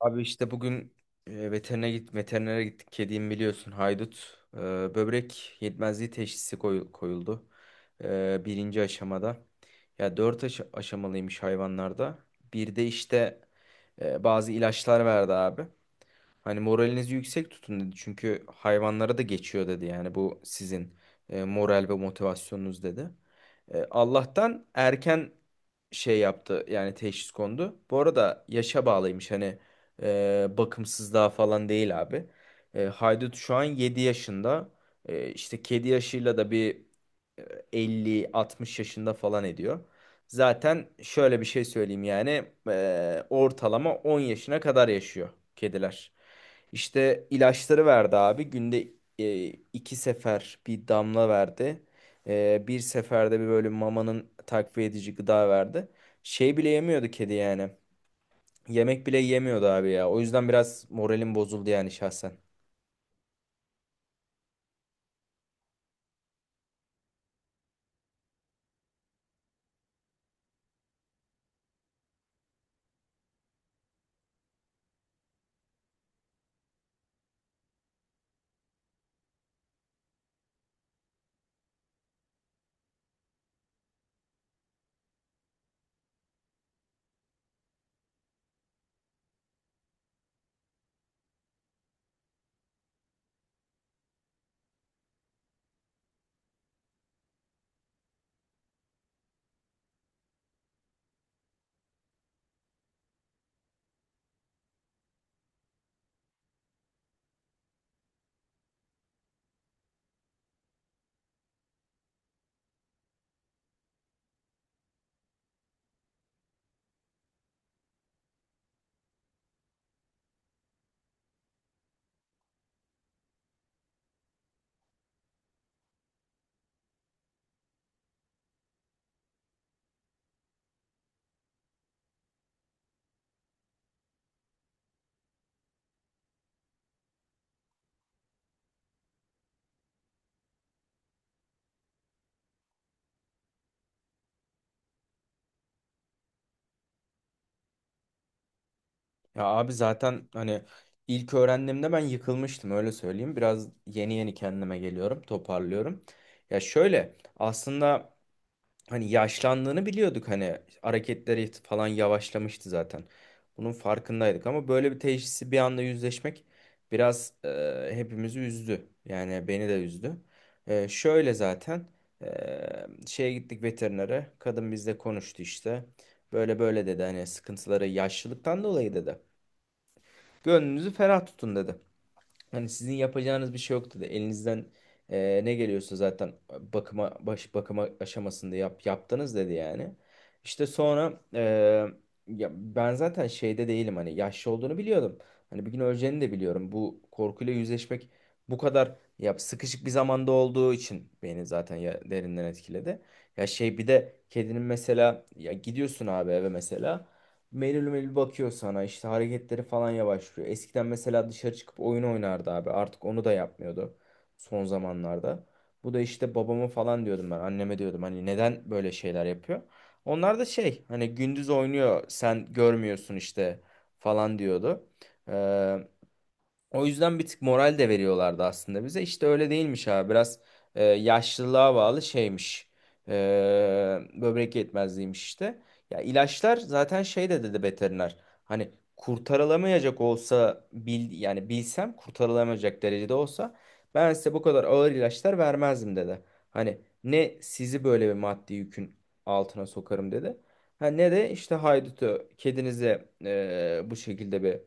Abi işte bugün veterinere gittik. Kediyim biliyorsun haydut. Böbrek yetmezliği teşhisi koyuldu. Birinci aşamada. Ya aşamalıymış hayvanlarda. Bir de işte bazı ilaçlar verdi abi. Hani moralinizi yüksek tutun dedi. Çünkü hayvanlara da geçiyor dedi. Yani bu sizin moral ve motivasyonunuz dedi. Allah'tan erken şey yaptı yani teşhis kondu. Bu arada yaşa bağlıymış hani bakımsızlığa falan değil abi. Haydut şu an 7 yaşında. İşte kedi yaşıyla da bir e, elli altmış yaşında falan ediyor. Zaten şöyle bir şey söyleyeyim yani ortalama 10 yaşına kadar yaşıyor kediler. İşte ilaçları verdi abi. Günde e, iki sefer bir damla verdi. Bir seferde bir böyle mamanın takviye edici gıda verdi. Şey bile yemiyordu kedi yani. Yemek bile yemiyordu abi ya. O yüzden biraz moralim bozuldu yani şahsen. Ya abi zaten hani ilk öğrendiğimde ben yıkılmıştım öyle söyleyeyim. Biraz yeni yeni kendime geliyorum, toparlıyorum. Ya şöyle aslında hani yaşlandığını biliyorduk, hani hareketleri falan yavaşlamıştı zaten. Bunun farkındaydık ama böyle bir teşhisi bir anda yüzleşmek biraz hepimizi üzdü. Yani beni de üzdü. Şöyle zaten şeye gittik veterinere. Kadın bizle konuştu işte. Böyle böyle dedi, hani sıkıntıları yaşlılıktan dolayı dedi. Gönlünüzü ferah tutun dedi. Hani sizin yapacağınız bir şey yoktu da elinizden ne geliyorsa zaten bakıma aşamasında yaptınız dedi yani. İşte sonra ya ben zaten şeyde değilim, hani yaşlı olduğunu biliyordum. Hani bir gün öleceğini de biliyorum. Bu korkuyla yüzleşmek bu kadar ya sıkışık bir zamanda olduğu için beni zaten ya derinden etkiledi. Ya şey, bir de kedinin mesela ya gidiyorsun abi eve mesela, melül melül bakıyor sana, işte hareketleri falan yavaşlıyor. Eskiden mesela dışarı çıkıp oyun oynardı abi, artık onu da yapmıyordu son zamanlarda. Bu da işte babama falan diyordum, ben anneme diyordum hani neden böyle şeyler yapıyor. Onlar da şey, hani gündüz oynuyor sen görmüyorsun işte falan diyordu. O yüzden bir tık moral de veriyorlardı aslında bize. İşte öyle değilmiş abi. Biraz yaşlılığa bağlı şeymiş. E, Böbrek yetmezliğiymiş işte. Ya ilaçlar zaten şey de dedi veteriner. Hani kurtarılamayacak olsa bilsem kurtarılamayacak derecede olsa ben size bu kadar ağır ilaçlar vermezdim dedi. Hani ne sizi böyle bir maddi yükün altına sokarım dedi. Ha, ne de işte haydutu, kedinize bu şekilde bir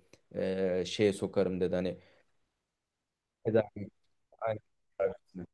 şeye sokarım dedi. Hani eder. Aynen.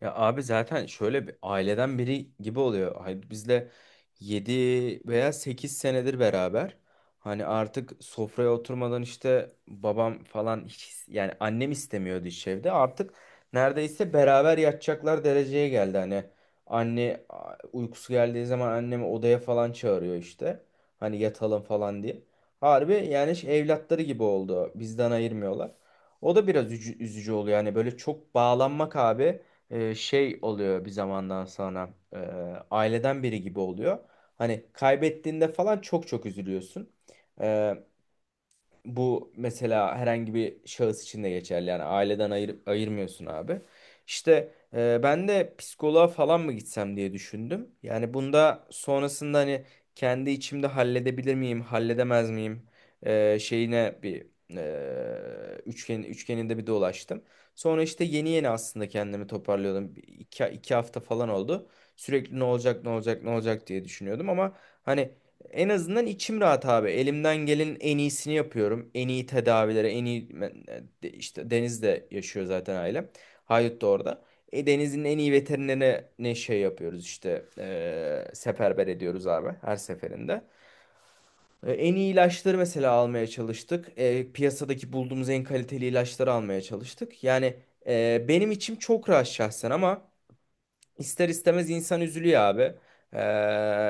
Ya abi zaten şöyle, bir aileden biri gibi oluyor. Hayır, biz de 7 veya 8 senedir beraber. Hani artık sofraya oturmadan işte babam falan hiç, yani annem istemiyordu hiç evde. Artık neredeyse beraber yatacaklar dereceye geldi. Hani uykusu geldiği zaman annemi odaya falan çağırıyor işte. Hani yatalım falan diye. Harbi yani şey, evlatları gibi oldu. Bizden ayırmıyorlar. O da biraz üzücü oluyor. Yani böyle çok bağlanmak abi şey oluyor bir zamandan sonra, aileden biri gibi oluyor. Hani kaybettiğinde falan çok çok üzülüyorsun. Bu mesela herhangi bir şahıs için de geçerli. Yani aileden ayırmıyorsun abi. İşte ben de psikoloğa falan mı gitsem diye düşündüm. Yani bunda sonrasında hani kendi içimde halledebilir miyim, halledemez miyim şeyine bir üçgeninde bir dolaştım. Sonra işte yeni yeni aslında kendimi toparlıyordum. İki hafta falan oldu. Sürekli ne olacak, ne olacak, ne olacak diye düşünüyordum ama hani en azından içim rahat abi. Elimden gelenin en iyisini yapıyorum. En iyi tedavilere, en iyi ben- e, de- işte Deniz de yaşıyor zaten ailem. Haydut da orada. Deniz'in en iyi veterinerine şey yapıyoruz işte, seferber ediyoruz abi her seferinde. En iyi ilaçları mesela almaya çalıştık. Piyasadaki bulduğumuz en kaliteli ilaçları almaya çalıştık. Yani benim içim çok rahat şahsen ama İster istemez insan üzülüyor abi. Ee,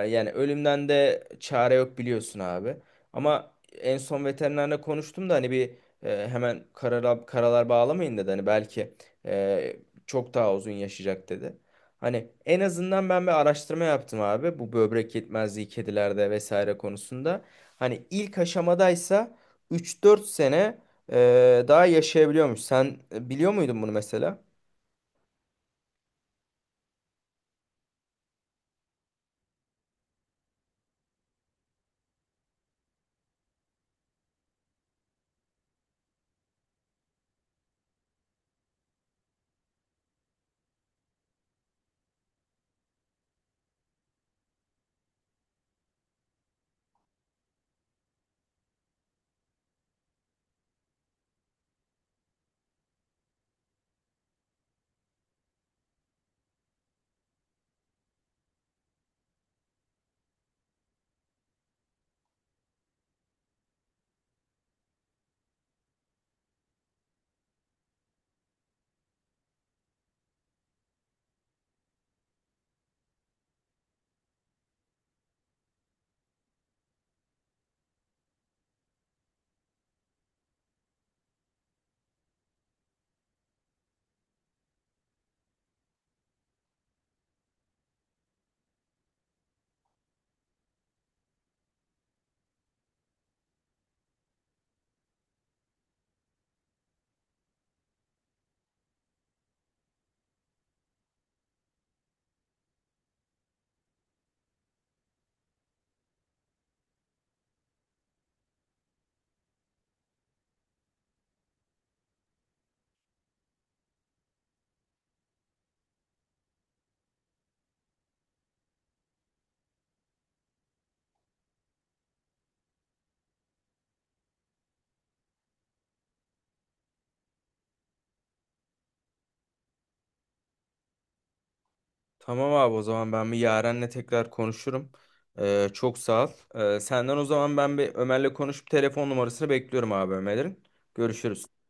Yani ölümden de çare yok biliyorsun abi. Ama en son veterinerle konuştum da hani bir hemen karalar bağlamayın dedi. Hani belki e, çok daha uzun yaşayacak dedi. Hani en azından ben bir araştırma yaptım abi. Bu böbrek yetmezliği kedilerde vesaire konusunda. Hani ilk aşamadaysa 3-4 sene daha yaşayabiliyormuş. Sen biliyor muydun bunu mesela? Tamam abi, o zaman ben bir Yaren'le tekrar konuşurum. Çok sağ ol. Senden o zaman ben bir Ömer'le konuşup telefon numarasını bekliyorum abi, Ömer'in. Görüşürüz.